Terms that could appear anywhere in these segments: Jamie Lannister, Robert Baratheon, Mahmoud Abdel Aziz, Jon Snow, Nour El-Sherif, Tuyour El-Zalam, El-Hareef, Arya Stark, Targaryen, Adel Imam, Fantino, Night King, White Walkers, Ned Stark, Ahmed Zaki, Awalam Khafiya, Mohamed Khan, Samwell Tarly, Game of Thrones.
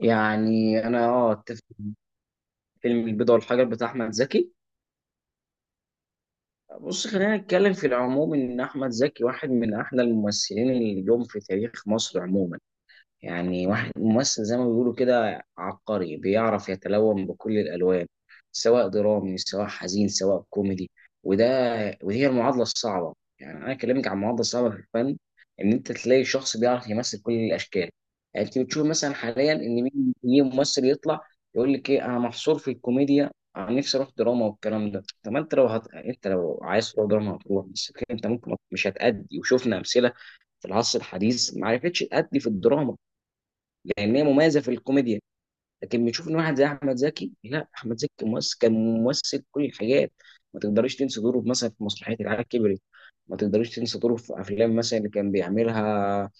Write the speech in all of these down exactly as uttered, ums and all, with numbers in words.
يعني انا اه اتفق مع فيلم البيضة والحجر بتاع احمد زكي. بص، خلينا نتكلم في العموم، ان احمد زكي واحد من احلى الممثلين اللي جم في تاريخ مصر عموما. يعني واحد ممثل زي ما بيقولوا كده، عبقري بيعرف يتلون بكل الألوان، سواء درامي سواء حزين سواء كوميدي. وده ودي هي المعادلة الصعبة. يعني أنا أكلمك عن المعادلة الصعبة في الفن، إن أنت تلاقي شخص بيعرف يمثل كل الأشكال. يعني أنت بتشوف مثلا حاليا إن مين مين ممثل يطلع يقول لك إيه، أنا محصور في الكوميديا، أنا نفسي أروح دراما، والكلام ده. طب ما أنت لو هت... أنت لو عايز تروح دراما هتروح، بس الفكرة أنت ممكن مش هتأدي، وشفنا أمثلة في العصر الحديث ما عرفتش تأدي في الدراما لان هي مميزه في الكوميديا. لكن بنشوف ان واحد زي احمد زكي، لا احمد زكي ممثل كان ممثل كل الحاجات. ما تقدريش تنسى دوره مثلا في مسرحيه العيال كبرت، ما تقدريش تنسى دوره في افلام مثلا اللي كان بيعملها،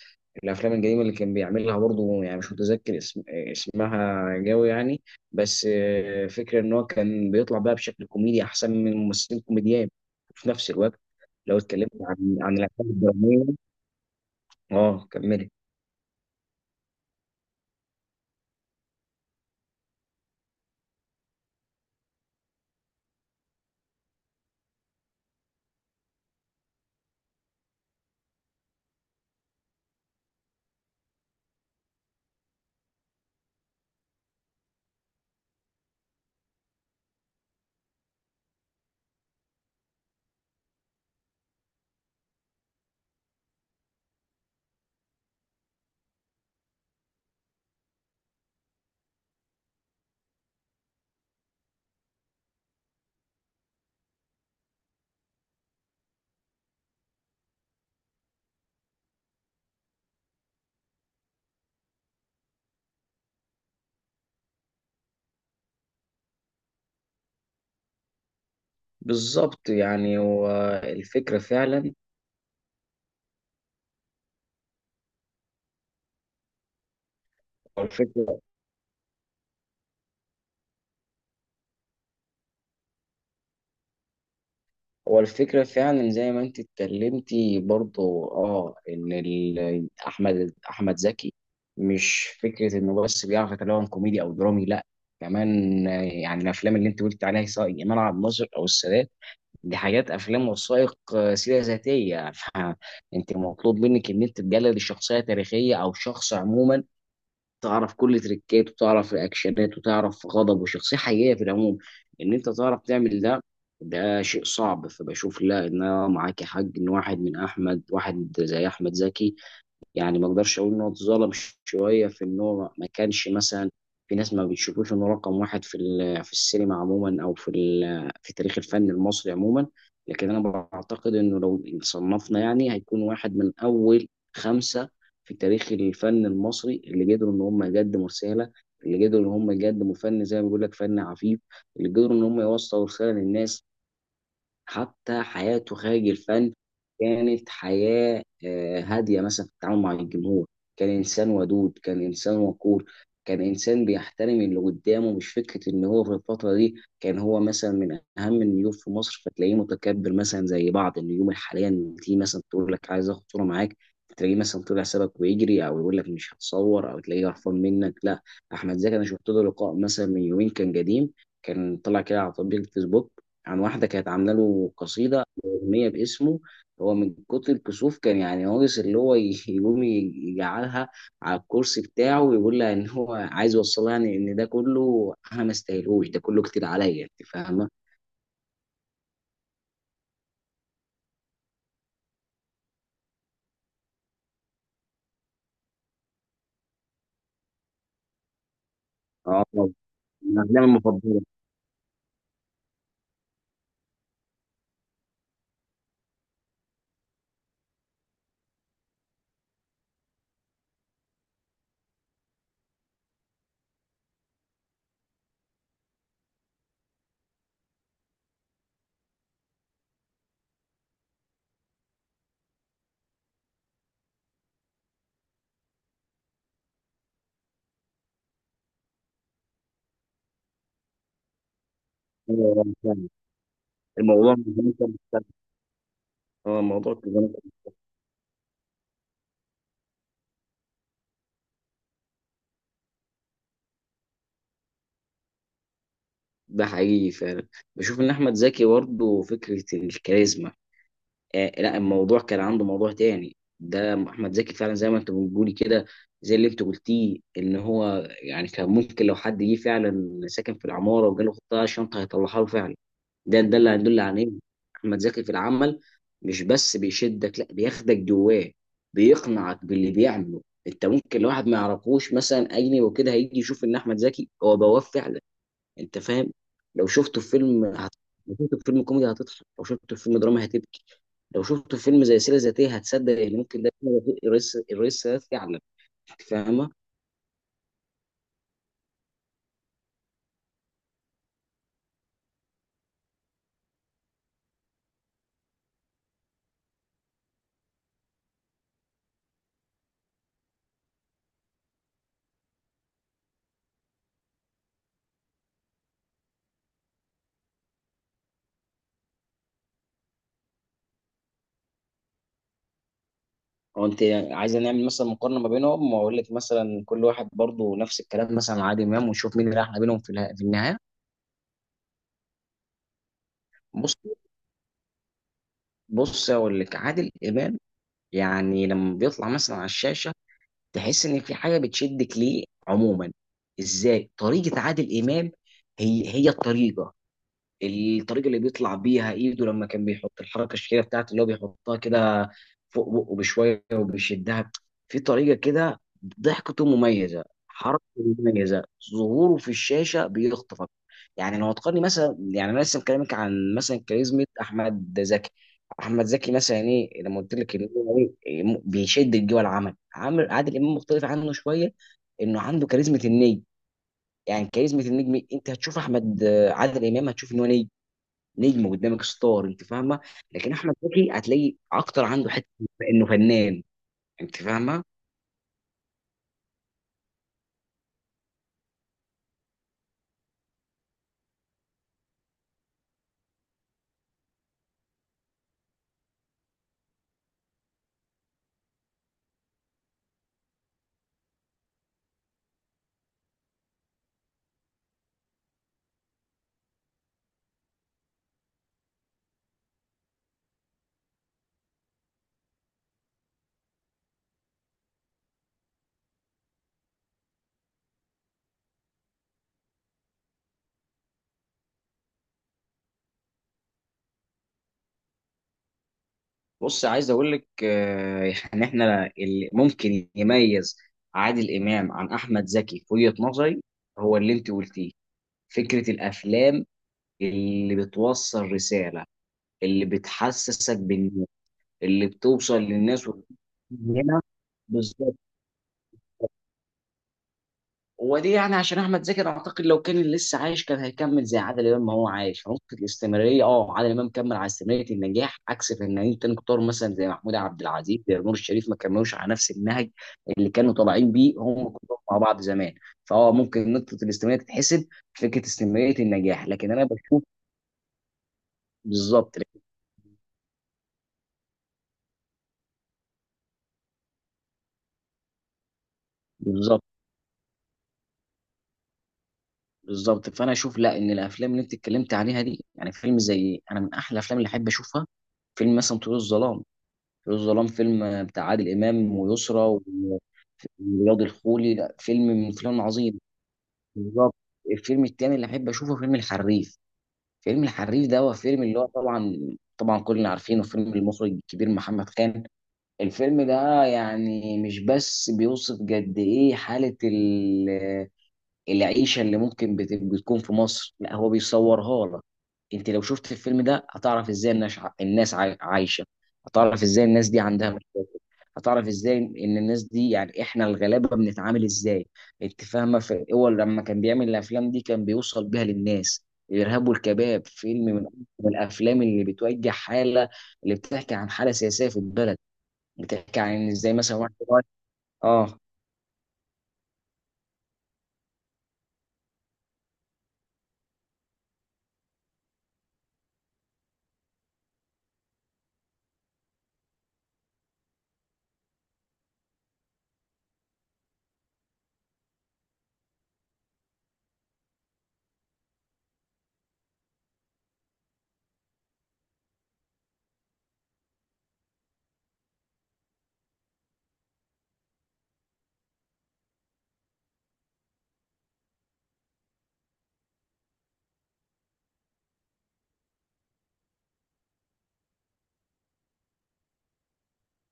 الافلام القديمه اللي كان بيعملها برضه، يعني مش متذكر اسم اسمها قوي يعني. بس آه، فكره ان هو كان بيطلع بقى بشكل كوميدي احسن من ممثلين كوميديان، وفي نفس الوقت لو اتكلمت عن عن الافلام الدراميه. اه، كملي. بالظبط، يعني هو الفكرة فعلا. والفكرة والفكرة فعلا زي ما انت اتكلمتي برضو، اه ان ال- احمد احمد زكي، مش فكرة انه بس بيعرف يتكلم كوميدي او درامي، لا كمان آه، يعني الافلام اللي انت قلت عليها سواء ايمان عبد الناصر او السادات، دي حاجات افلام وثائق، آه، سيرة ذاتية. فانت مطلوب منك ان انت تجلد الشخصية تاريخية او شخص عموما، تعرف كل تريكات، وتعرف رياكشنات، وتعرف غضب وشخصية حقيقية في العموم، ان انت تعرف تعمل ده. ده شيء صعب. فبشوف لا، ان انا معاك يا حاج، ان واحد من احمد واحد زي احمد زكي، يعني ما اقدرش اقول ان هو اتظلم شويه في ان هو ما كانش مثلا، في ناس ما بتشوفوش انه رقم واحد في ال- في السينما عموما، او في ال- في تاريخ الفن المصري عموما. لكن انا بعتقد انه لو صنفنا، يعني هيكون واحد من اول خمسه في تاريخ الفن المصري، اللي قدروا ان هم يقدموا رساله، اللي قدروا ان هم يقدموا فن زي ما بيقول لك فن عفيف، اللي قدروا ان هم يوصلوا رساله للناس. حتى حياته خارج الفن كانت حياة آه، هادية مثلا في التعامل مع الجمهور. كان إنسان ودود، كان إنسان وقور، كان إنسان بيحترم اللي قدامه. مش فكرة إن هو في الفترة دي كان هو مثلا من أهم النجوم في مصر فتلاقيه متكبر مثلا زي بعض النجوم الحالية، إن تيجي مثلا تقول لك عايز آخد صورة معاك تلاقيه مثلا طلع سابك ويجري، أو يقول لك مش هتصور، أو تلاقيه قرفان منك. لا، أحمد زكي. أنا شفت له لقاء مثلا من يومين، كان قديم، كان طلع كده على تطبيق الفيسبوك، عن واحدة كانت عاملة له قصيدة أغنية باسمه. هو من كتر الكسوف، كان يعني ناقص اللي هو ي- يقوم ي- يجعلها على الكرسي بتاعه ويقول لها إن هو عايز يوصلها، يعني إن ده كله أنا ما استاهلوش، ده كله كتير عليا، أنت فاهمة؟ أه طبعا، من أفلامي المفضلة. أيوة، أنا فاهم. الموضوع مش ممكن- هو الموضوع كده. ده حقيقي فعلا، بشوف إن أحمد زكي برضه فكرة الكاريزما. آه لا، الموضوع كان عنده موضوع تاني، ده احمد زكي فعلا زي ما انت بتقولي كده، زي اللي انت قلتيه ان هو يعني كان ممكن لو حد جه فعلا ساكن في العماره وجاله خطه شنطه هيطلعها له فعلا. ده ده اللي هيدل على ايه، احمد زكي في العمل مش بس بيشدك، لا بياخدك جواه، بيقنعك باللي بيعمله. انت ممكن لو واحد ما يعرفوش مثلا اجنبي وكده هيجي يشوف ان احمد زكي هو بواب فعلا. انت فاهم؟ لو شفته في فيلم هت... لو شفته في فيلم كوميدي هتضحك، لو شفته في فيلم دراما هتبكي، لو شفته في فيلم زي سيره ذاتيه هتصدق ان ممكن ده يكون الرئيس الرئيس السادات فعلا. انت فاهمه؟ او انت عايزه نعمل مثلا مقارنه ما بينهم، واقول لك مثلا كل واحد برضه نفس الكلام مثلا مع عادل امام، ونشوف مين اللي احلى بينهم في اله- في النهايه. بص بص اقول لك، عادل امام يعني لما بيطلع مثلا على الشاشه، تحس ان في حاجه بتشدك ليه عموما. ازاي؟ طريقه عادل امام، هي هي الطريقه الطريقه اللي بيطلع بيها ايده لما كان بيحط الحركه الشهيره بتاعته اللي هو بيحطها كده، فوق بقه بشويه وبيشدها. في طريقه كده، ضحكته مميزه، حركته مميزه، ظهوره في الشاشه بيخطفك. يعني لو هتقارني مثلا، يعني انا لسه مكلمك عن مثلا كاريزما احمد زكي. احمد زكي مثلا ايه لما قلت لك ان هو إيه، م- بيشدك جوه العمل. عامر عادل امام مختلف عنه شويه، انه عنده كاريزما النجم. يعني كاريزما النجم، انت هتشوف احمد عادل امام هتشوف ان هو نجم، نجم قدامك ستار. انت فاهمه؟ لكن احمد زكي هتلاقي اكتر عنده حته انه فنان. انت فاهمه؟ بص عايز اقول لك آه، يعني احنا اللي ممكن يميز عادل امام عن احمد زكي في وجهه نظري، هو اللي انت قلتيه، فكره الافلام اللي بتوصل رساله، اللي بتحسسك بالناس، اللي بتوصل للناس. هنا بالظبط. ودي يعني عشان احمد زكي، اعتقد لو كان لسه عايش كان هيكمل زي عادل امام، ما هو عايش في نقطه الاستمراريه. اه عادل امام كمل على استمراريه النجاح عكس فنانين تاني كتار مثلا زي محمود عبد العزيز، زي نور الشريف، ما كملوش على نفس النهج اللي كانوا طالعين بيه هم كلهم مع بعض زمان. فهو ممكن نقطه الاستمراريه تتحسب، فكره استمراريه النجاح. لكن انا بشوف بالظبط، بالظبط، بالظبط. فانا اشوف لا، ان الافلام اللي انت اتكلمت عليها دي، يعني فيلم زي انا من احلى الافلام اللي احب اشوفها، فيلم مثلا طيور الظلام. طيور الظلام فيلم بتاع عادل امام ويسرى و- ورياض الخولي، لا فيلم من فيلم عظيم. بالظبط. الفيلم التاني اللي احب اشوفه فيلم الحريف. فيلم الحريف ده هو فيلم اللي هو طبعا، طبعا كلنا عارفينه، فيلم المخرج الكبير محمد خان. الفيلم ده يعني مش بس بيوصف قد ايه حالة العيشه اللي ممكن بت- بتكون في مصر، لا هو بيصورها لك. انت لو شفت الفيلم ده هتعرف ازاي الناس ع- الناس عاي- عايشه، هتعرف ازاي الناس دي عندها مشاكل، هتعرف ازاي ان الناس دي، يعني احنا الغلابه، بنتعامل ازاي. انت فاهمه؟ في هو لما كان بيعمل الافلام دي كان بيوصل بيها للناس. الارهاب والكباب فيلم من من الافلام اللي بتوجه حاله، اللي بتحكي عن حاله سياسيه في البلد، بتحكي عن ازاي مثلا واحد صغير- اه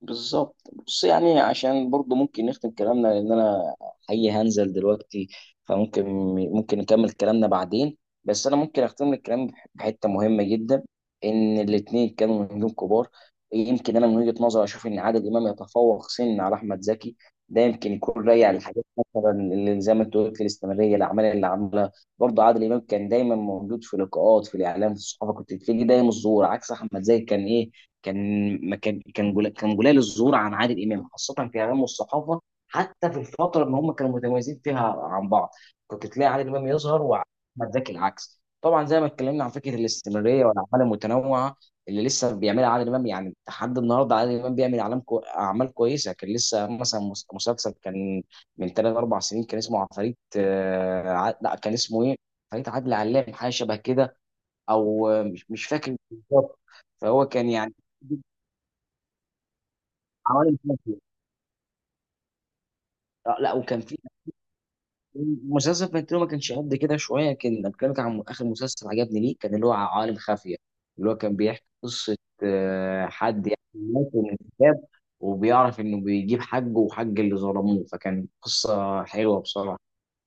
بالظبط. بص يعني عشان برضو ممكن نختم كلامنا، لان انا حقيقي هنزل دلوقتي، فممكن، ممكن نكمل كلامنا بعدين. بس انا ممكن اختم لك كلامي بح- بحته مهمه جدا، ان الاثنين كانوا نجوم كبار. يمكن انا من وجهه نظري اشوف ان عادل امام يتفوق سن على احمد زكي. ده يمكن يكون راجع لحاجات، مثلا اللي زي ما انت قلت الاستمراريه، الاعمال اللي عملها. برضه عادل امام كان دايما موجود في لقاءات، في الاعلام، في الصحافه، كنت تلاقيه دايما الظهور، عكس احمد زاهر. كان ايه كان ما كان كان جل- كان قليل الظهور عن عادل امام خاصه في اعلام والصحافه، حتى في الفتره اللي هم كانوا متميزين فيها عن بعض كنت تلاقي عادل امام يظهر، واحمد زكي العكس طبعا، زي ما اتكلمنا عن فكره الاستمراريه والاعمال المتنوعه اللي لسه بيعملها عادل امام. يعني لحد النهارده عادل امام بيعمل اعلام كو... اعمال كويسه. كان لسه مثلا مس- مسلسل كان من ثلاث اربع سنين كان اسمه عفاريت آه، ع- لا، كان اسمه ايه؟ عفاريت عادل علام، حاجه شبه كده. او آه، مش مش فاكر بالظبط. فهو كان يعني عوالم كافيه. آه، لا، وكان في مسلسل فانتينو، ما كانش قد كده شويه، كان كان عن اخر مسلسل عجبني ليه، كان اللي هو عوالم خافيه، اللي هو كان بيحكي قصه آه، حد يعني مات من الكتاب، وبيعرف انه بيجيب حقه وحق اللي ظلموه. فكان قصه حلوه بصراحه.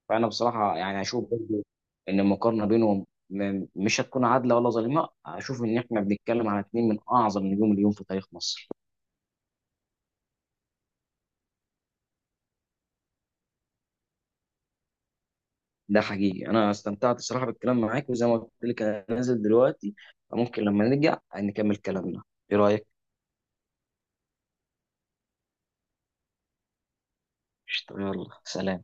فانا بصراحه يعني اشوف برضو ان المقارنه بينهم م- مش هتكون عادله ولا ظالمه، اشوف ان احنا بنتكلم على اتنين من اعظم نجوم اليوم في تاريخ مصر. ده حقيقي، انا استمتعت الصراحه بالكلام معاك، وزي ما قلت لك انا نازل دلوقتي. ممكن لما نرجع نكمل كلامنا. ايه رايك؟ قشطة، يلا سلام.